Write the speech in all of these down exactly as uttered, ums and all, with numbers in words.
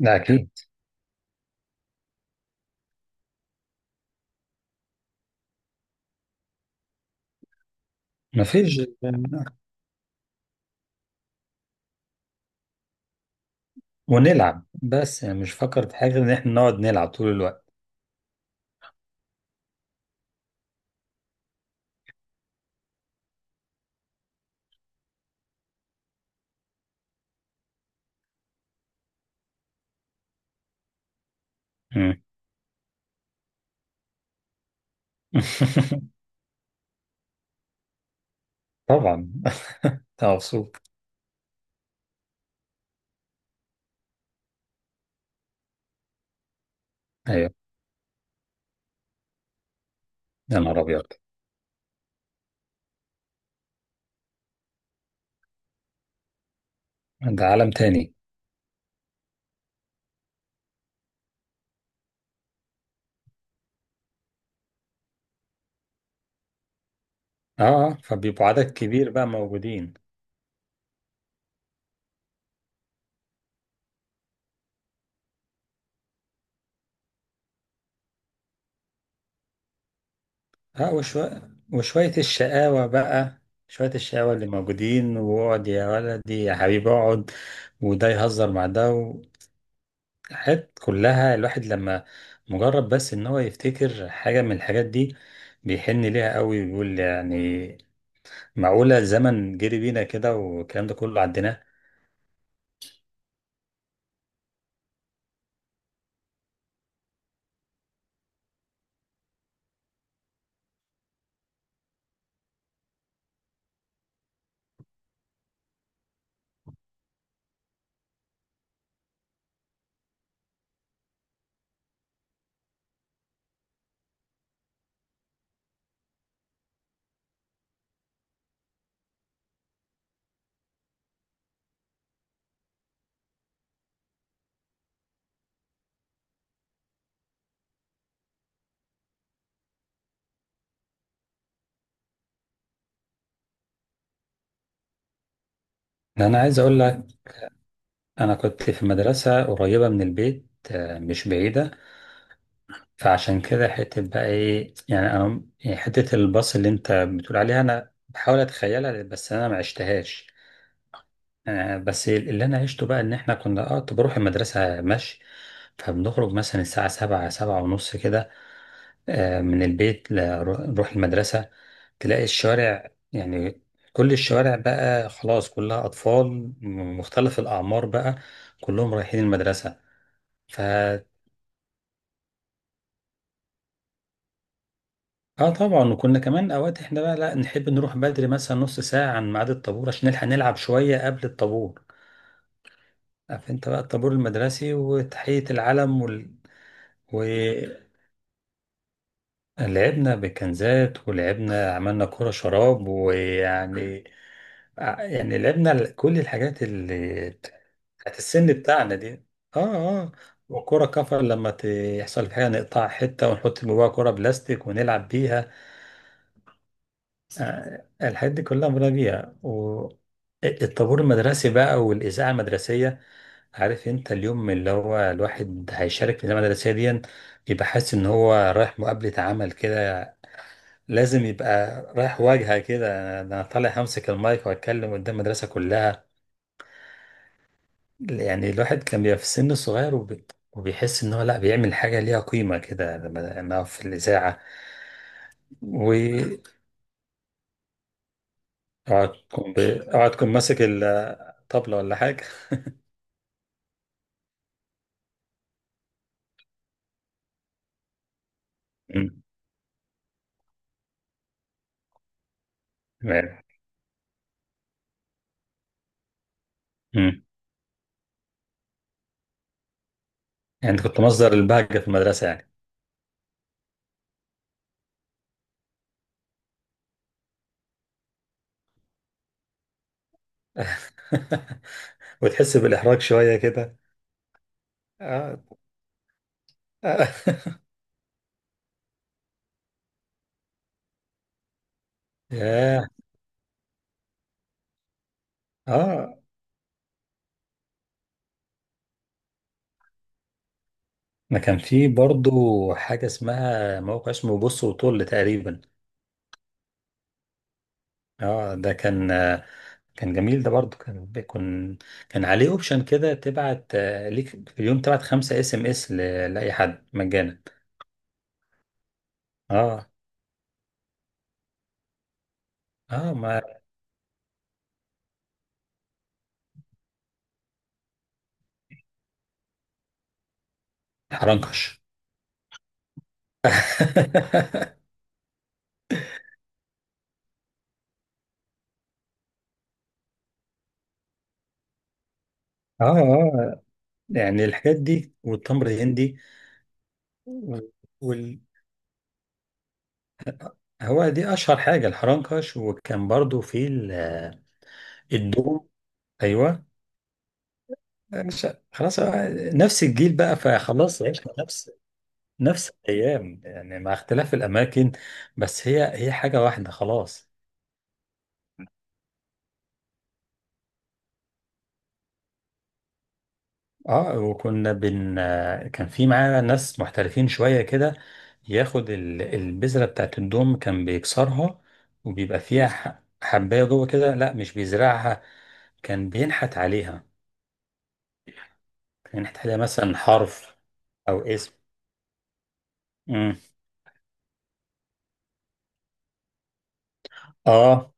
ده أكيد. مفيش. ونلعب بس يعني مش فاكر في حاجة غير إن إحنا نقعد نلعب طول الوقت. مم. طبعا أنت مبسوط. أيوه يا نهار أبيض. ده عالم تاني. أه، آه، فبيبقوا عدد كبير بقى موجودين. أه وشوية وشوية الشقاوة بقى، شوية الشقاوة اللي موجودين، واقعد يا ولدي يا حبيبي اقعد، وده يهزر مع ده. حاجات كلها الواحد لما مجرد بس ان هو يفتكر حاجة من الحاجات دي بيحن ليها قوي ويقول يعني معقولة الزمن جري بينا كده والكلام ده كله عديناه. انا عايز اقول لك. انا كنت في مدرسة قريبة من البيت، آه، مش بعيدة. فعشان كده حتة بقى ايه يعني انا يعني حتة الباص اللي انت بتقول عليها انا بحاول اتخيلها بس انا ما عشتهاش. آه، بس اللي انا عشته بقى ان احنا كنا اه كنت بروح المدرسه مشي. فبنخرج مثلا الساعه سبعة سبعة ونص كده. آه، من البيت نروح المدرسه. تلاقي الشارع يعني كل الشوارع بقى خلاص كلها اطفال من مختلف الاعمار بقى، كلهم رايحين المدرسه. ف اه طبعا. وكنا كمان اوقات احنا بقى لا نحب نروح بدري مثلا نص ساعه عن ميعاد الطابور عشان نلحق نلعب شويه قبل الطابور. عارف انت بقى الطابور المدرسي وتحيه العلم وال... لعبنا بكنزات، ولعبنا عملنا كرة شراب ويعني، ع- يعني لعبنا ال- كل الحاجات اللي بتاعت السن بتاعنا دي. اه اه. وكرة كفر لما ت- يحصل حاجة نقطع حتة ونحط جواها كرة بلاستيك ونلعب بيها. آه الحاجات دي كلها مرة بيها، والطابور المدرسي بقى والإذاعة المدرسية. عارف انت اليوم اللي هو الواحد هيشارك في الإذاعة المدرسية دي بيبقى حاسس ان هو رايح مقابلة عمل كده. لازم يبقى رايح واجهة كده. انا أنا طالع همسك المايك واتكلم قدام المدرسة كلها. يعني الواحد كان بيبقى في السن الصغير وب... وبيحس ان هو لا بيعمل حاجة ليها قيمة كده لما لما أقف في الإذاعة واقعد، كن ب... أقعد كن ماسك الطبلة ولا حاجة. مم. تمام. مم. يعني أنت كنت مصدر البهجة في المدرسة يعني. وتحس بالإحراج شوية كده. اه. آه. ياه. اه ما كان في برضو حاجة اسمها موقع اسمه بص وطل تقريبا. اه ده كان، آه، كان جميل ده برضو كان بيكون. كان عليه اوبشن كده تبعت، آه، ليك في اليوم تبعت خمسة اس ام اس لأي حد مجانا. اه اه. ما حرنكش. اه اه يعني الحاجات دي والتمر الهندي وال... هو دي اشهر حاجة الحرنكش. وكان برضو في ال- آه، الدوم. ايوه. مش. خلاص هو نفس الجيل بقى، فخلاص عشنا نفس نفس الايام يعني مع اختلاف الاماكن، بس هي هي حاجه واحده خلاص. اه. وكنا بن كان في معانا ناس محترفين شويه كده ياخد ال- البذره بتاعت الدوم كان بيكسرها، وبيبقى فيها ح- حبايه جوه كده، لا مش بيزرعها، كان بينحت عليها. كان ينحت عليها مثلا حرف او اسم. امم اه،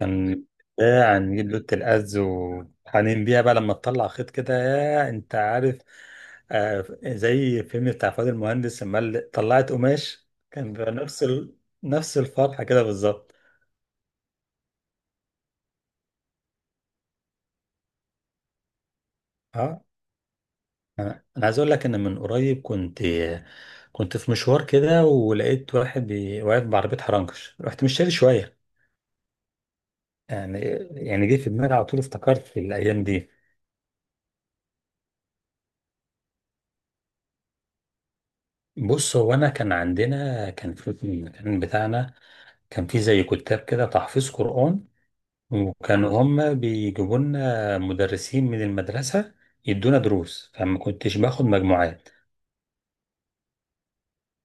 كان بتاع نجيب لوت الأز وحنين بيها بقى لما تطلع خيط كده، يا انت عارف. آه زي الفيلم بتاع فؤاد المهندس لما قال طلعت قماش، كان بيبقى نفس ال... نفس الفرحة كده بالظبط. اه. انا أنا عايز اقول لك ان من قريب كنت كنت في مشوار كده ولقيت واحد بي- واقف بعربية حرنكش، رحت مشتري شوية يعني. يعني جه في دماغي على طول افتكرت في الايام دي. بص هو انا كان عندنا، كان في، كان بتاعنا، كان في زي كتاب كده تحفيظ قرآن. وكانوا هم بيجيبوا لنا مدرسين من المدرسة يدونا دروس، فما كنتش باخد مجموعات.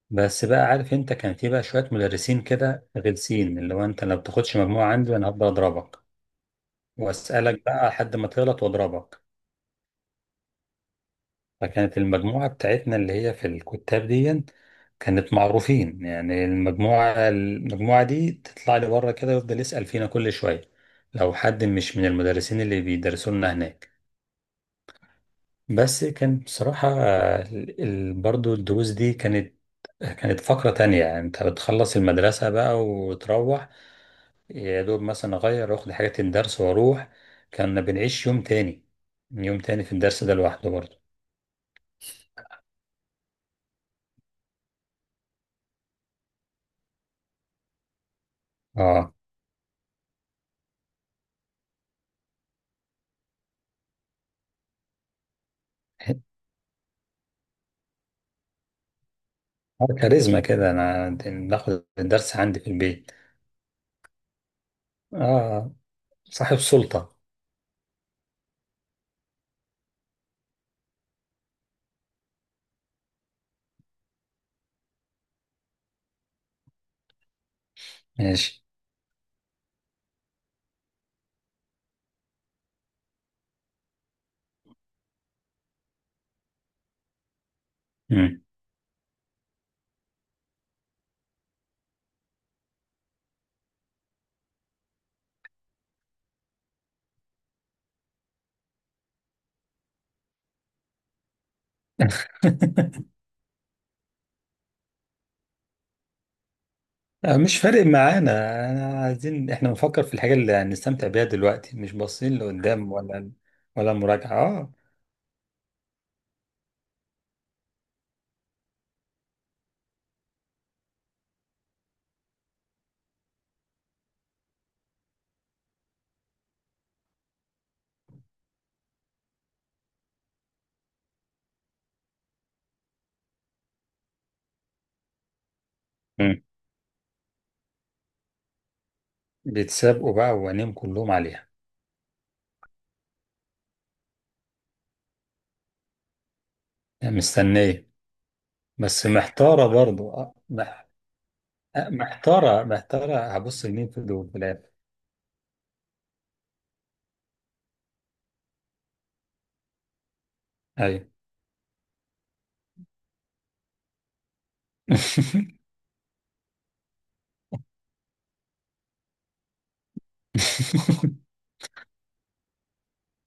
بس بقى عارف انت كان في بقى شوية مدرسين كده غلسين، اللي هو انت لو بتاخدش مجموعة عندي انا هفضل اضربك واسألك بقى لحد ما تغلط واضربك. فكانت المجموعة بتاعتنا اللي هي في الكتاب دي كانت معروفين، يعني المجموعة المجموعة دي تطلع لي بره كده يفضل يسأل فينا كل شوية، لو حد مش من المدرسين اللي بيدرسوا لنا هناك. بس كان بصراحة آه، ال- ال- برضو الدروس دي كانت كانت فقرة تانية. يعني انت بتخلص المدرسة بقى وتروح، يا دوب مثلا اغير واخد حاجات الدرس واروح. كنا بنعيش يوم تاني، يوم تاني في الدرس ده لوحده برضو. اه. آه، كاريزما كده. انا باخد الدرس عندي في البيت. اه صاحب سلطة. ماشي. مم. آه، مش فارق معانا. انا عايزين احنا بنفكر في الحاجة اللي هنستمتع بيها دلوقتي، مش باصين لقدام ولا ولا مراجعة. اه. مم. بيتسابقوا بقى وعينيهم كلهم عليها. يعني مستنية. بس محتارة برضو، آه، مح- آه، محتارة محتارة هبص لمين في دول في الآخر. أيوة.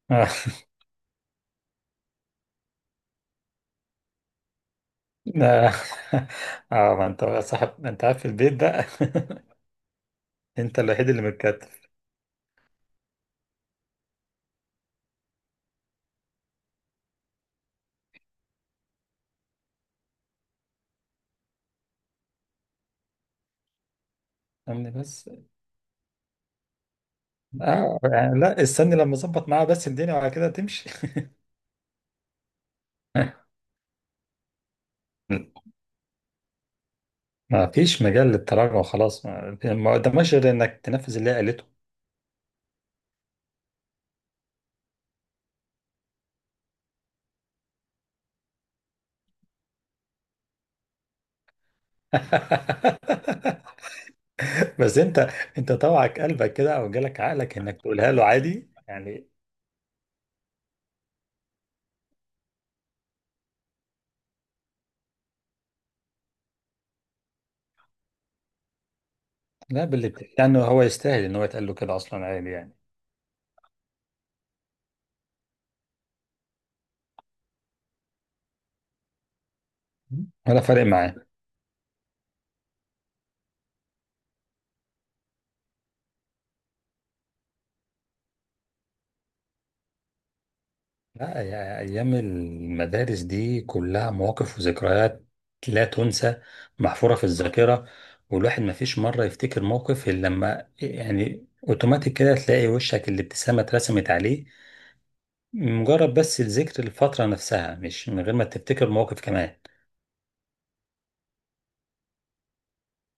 لا. اه ما انت بقى صاحب، انت قاعد في البيت بقى. انت الوحيد اللي متكتف. فاهمني بس. اه يعني لا، استني لما اظبط معاه، بس الدنيا وعلى كده تمشي. ما فيش مجال للتراجع خلاص، ما ما قدامكش غير انك تنفذ اللي هي قالته. بس انت، انت طوعك قلبك كده او جالك عقلك انك تقولها له عادي يعني. لا، باللي بت- يعني هو يستاهل ان هو يتقال له كده اصلا عادي يعني. ولا فارق معاه. لا يا أيام المدارس دي كلها مواقف وذكريات لا تنسى، محفورة في الذاكرة. والواحد ما فيش مرة يفتكر موقف إلا لما يعني أوتوماتيك كده تلاقي وشك الابتسامة اترسمت عليه، مجرد بس الذكر، الفترة نفسها، مش من غير ما تفتكر موقف كمان.